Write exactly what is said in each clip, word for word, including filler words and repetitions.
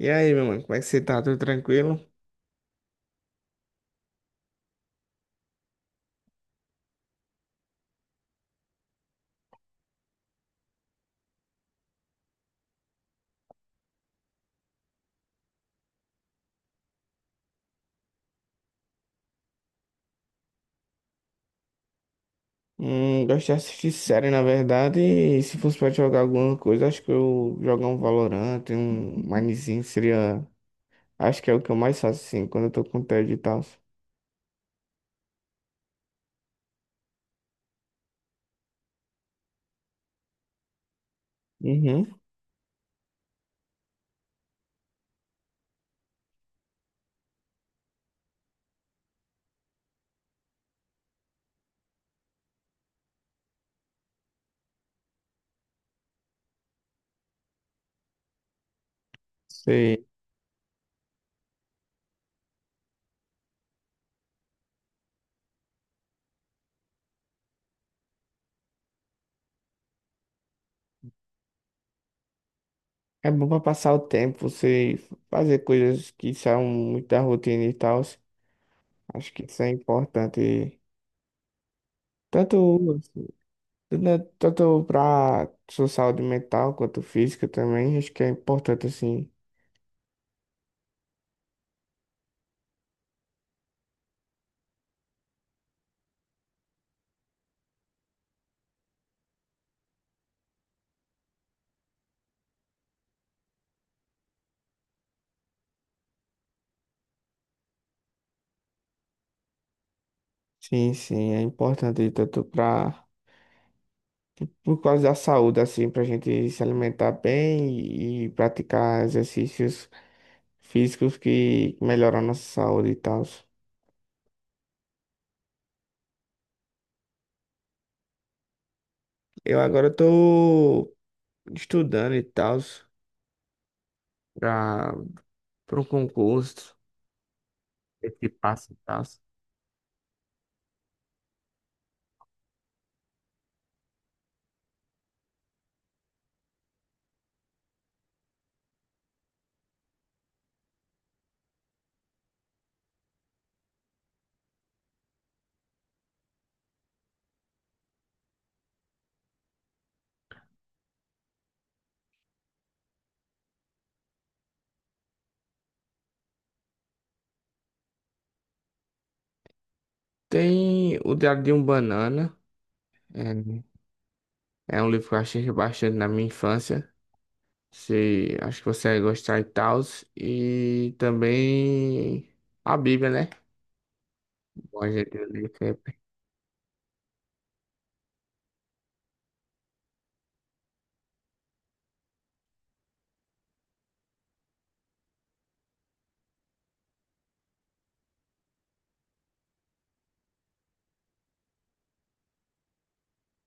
E aí, meu mano, como é que você tá? Tudo tranquilo? Hum, gosto de assistir série, na verdade, e se fosse pra jogar alguma coisa, acho que eu jogar um Valorant, um Minezinho seria... Acho que é o que eu mais faço, assim, quando eu tô com tédio e tal. Uhum, sei. É bom pra passar o tempo, você fazer coisas que são muito da rotina e tal. Acho que isso é importante, tanto, tanto tanto pra sua saúde mental quanto física também, acho que é importante, assim... Sim, sim, é importante tanto para por causa da saúde, assim, para a gente se alimentar bem e, e praticar exercícios físicos que melhoram a nossa saúde e tal. Eu agora estou estudando e tal para para um concurso, esse passo e tal. Tem o Diário de um Banana, é, é um livro que eu achei bastante na minha infância. Se, acho que você vai gostar e tal. E também a Bíblia, né? Monja de Olimpíada.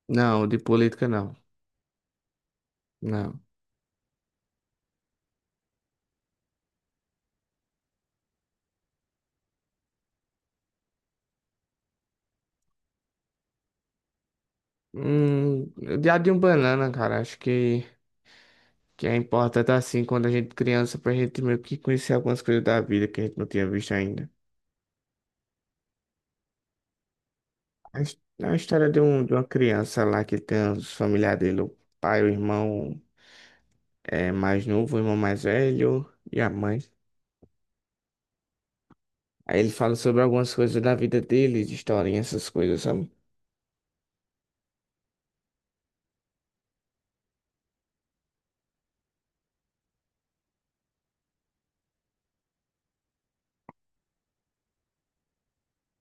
Não, de política não. Não. Hum, de de um Banana, cara, acho que, que é importante assim quando a gente criança pra gente meio que conhecer algumas coisas da vida que a gente não tinha visto ainda. A, his- a história de, um, de uma criança lá que tem os familiares dele, o pai, o irmão é, mais novo, o irmão mais velho e a mãe. Aí ele fala sobre algumas coisas da vida dele, de historinha, essas coisas, sabe?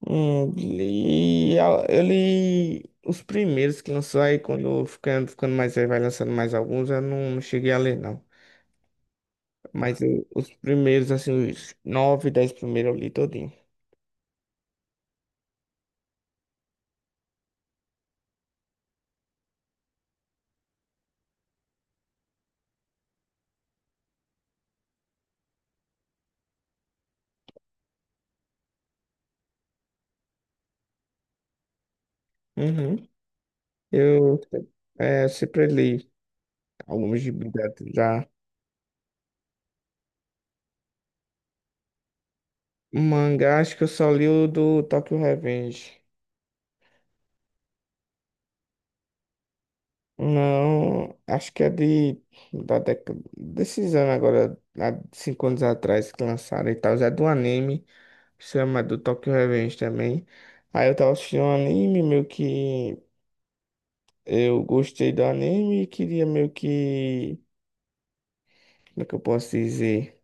Hum, li, a- eu li os primeiros que lançou aí, quando ficando, ficando mais aí, vai lançando mais alguns, eu não, não cheguei a ler, não. Mas eu- os primeiros, assim, os nove, dez primeiros eu li todinho. Uhum. Eu, é, sempre li alguns de Bíblia já. Mangá, acho que eu só li o do Tokyo Revenge. Não, acho que é de, da década, desses anos agora, há cinco anos atrás que lançaram e tal, já é do anime. Chama do Tokyo Revenge também. Aí eu tava assistindo um anime, meio que eu gostei do anime e queria meio que. Como é que eu posso dizer?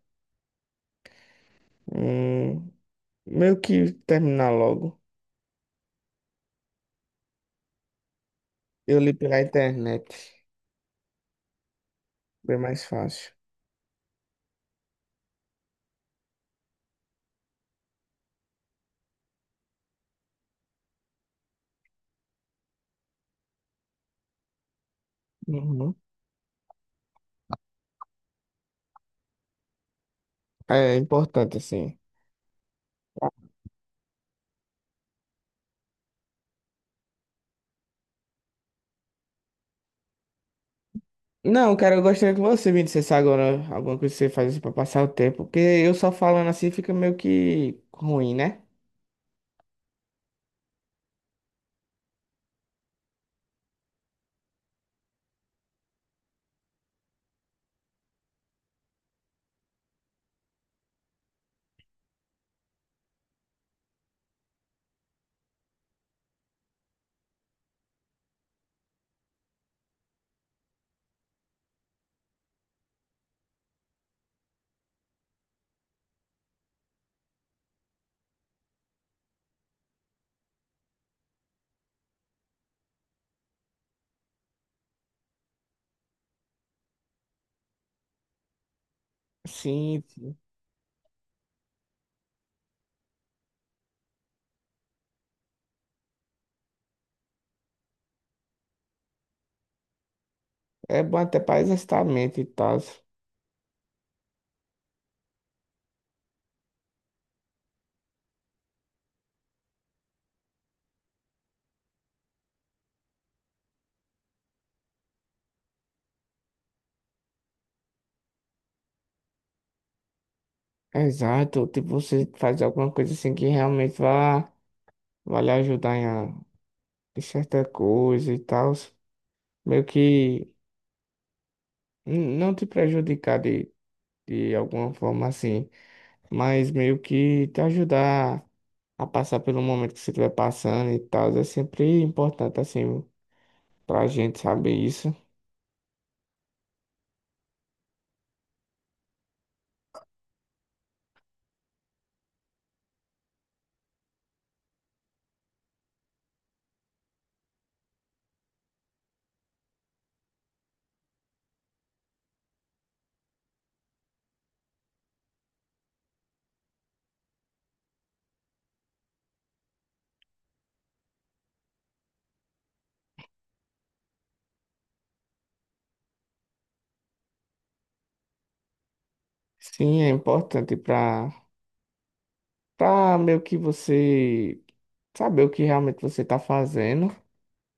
Hum, meio que terminar logo. Eu li pela internet. Bem mais fácil. Uhum. É importante, assim. Não, cara, eu gostaria que você me dissesse agora alguma coisa que você faz assim pra passar o tempo, porque eu só falando assim fica meio que ruim, né? Sim, sim. É bom até pra exercitar a mente e tal. Exato, tipo, você faz alguma coisa assim que realmente vá, vai lhe ajudar em, a- em certa coisa e tal, meio que n- não te prejudicar de, de alguma forma assim, mas meio que te ajudar a passar pelo momento que você estiver passando e tal, é sempre importante assim pra gente saber isso. Sim, é importante pra, pra meio que você saber o que realmente você tá fazendo.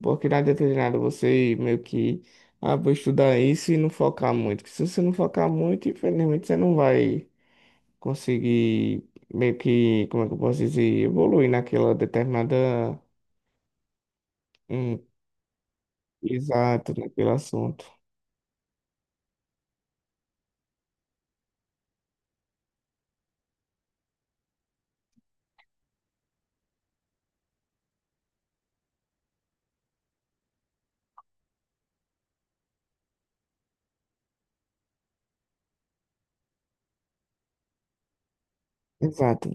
Porque não adianta você meio que, ah, vou estudar isso e não focar muito. Porque se você não focar muito, infelizmente você não vai conseguir meio que, como é que eu posso dizer, evoluir naquela determinada, hum, exato, naquele assunto. Exato.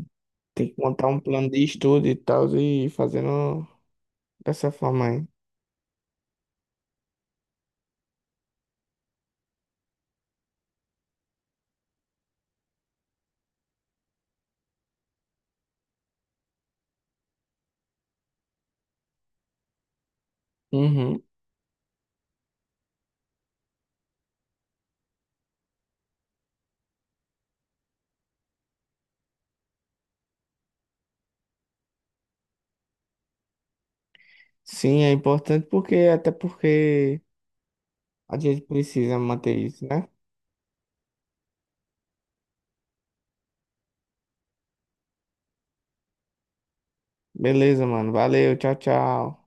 Tem que montar um plano de estudo e tal e ir fazendo dessa forma aí. Uhum. Sim, é importante porque, até porque a gente precisa manter isso, né? Beleza, mano. Valeu, tchau, tchau.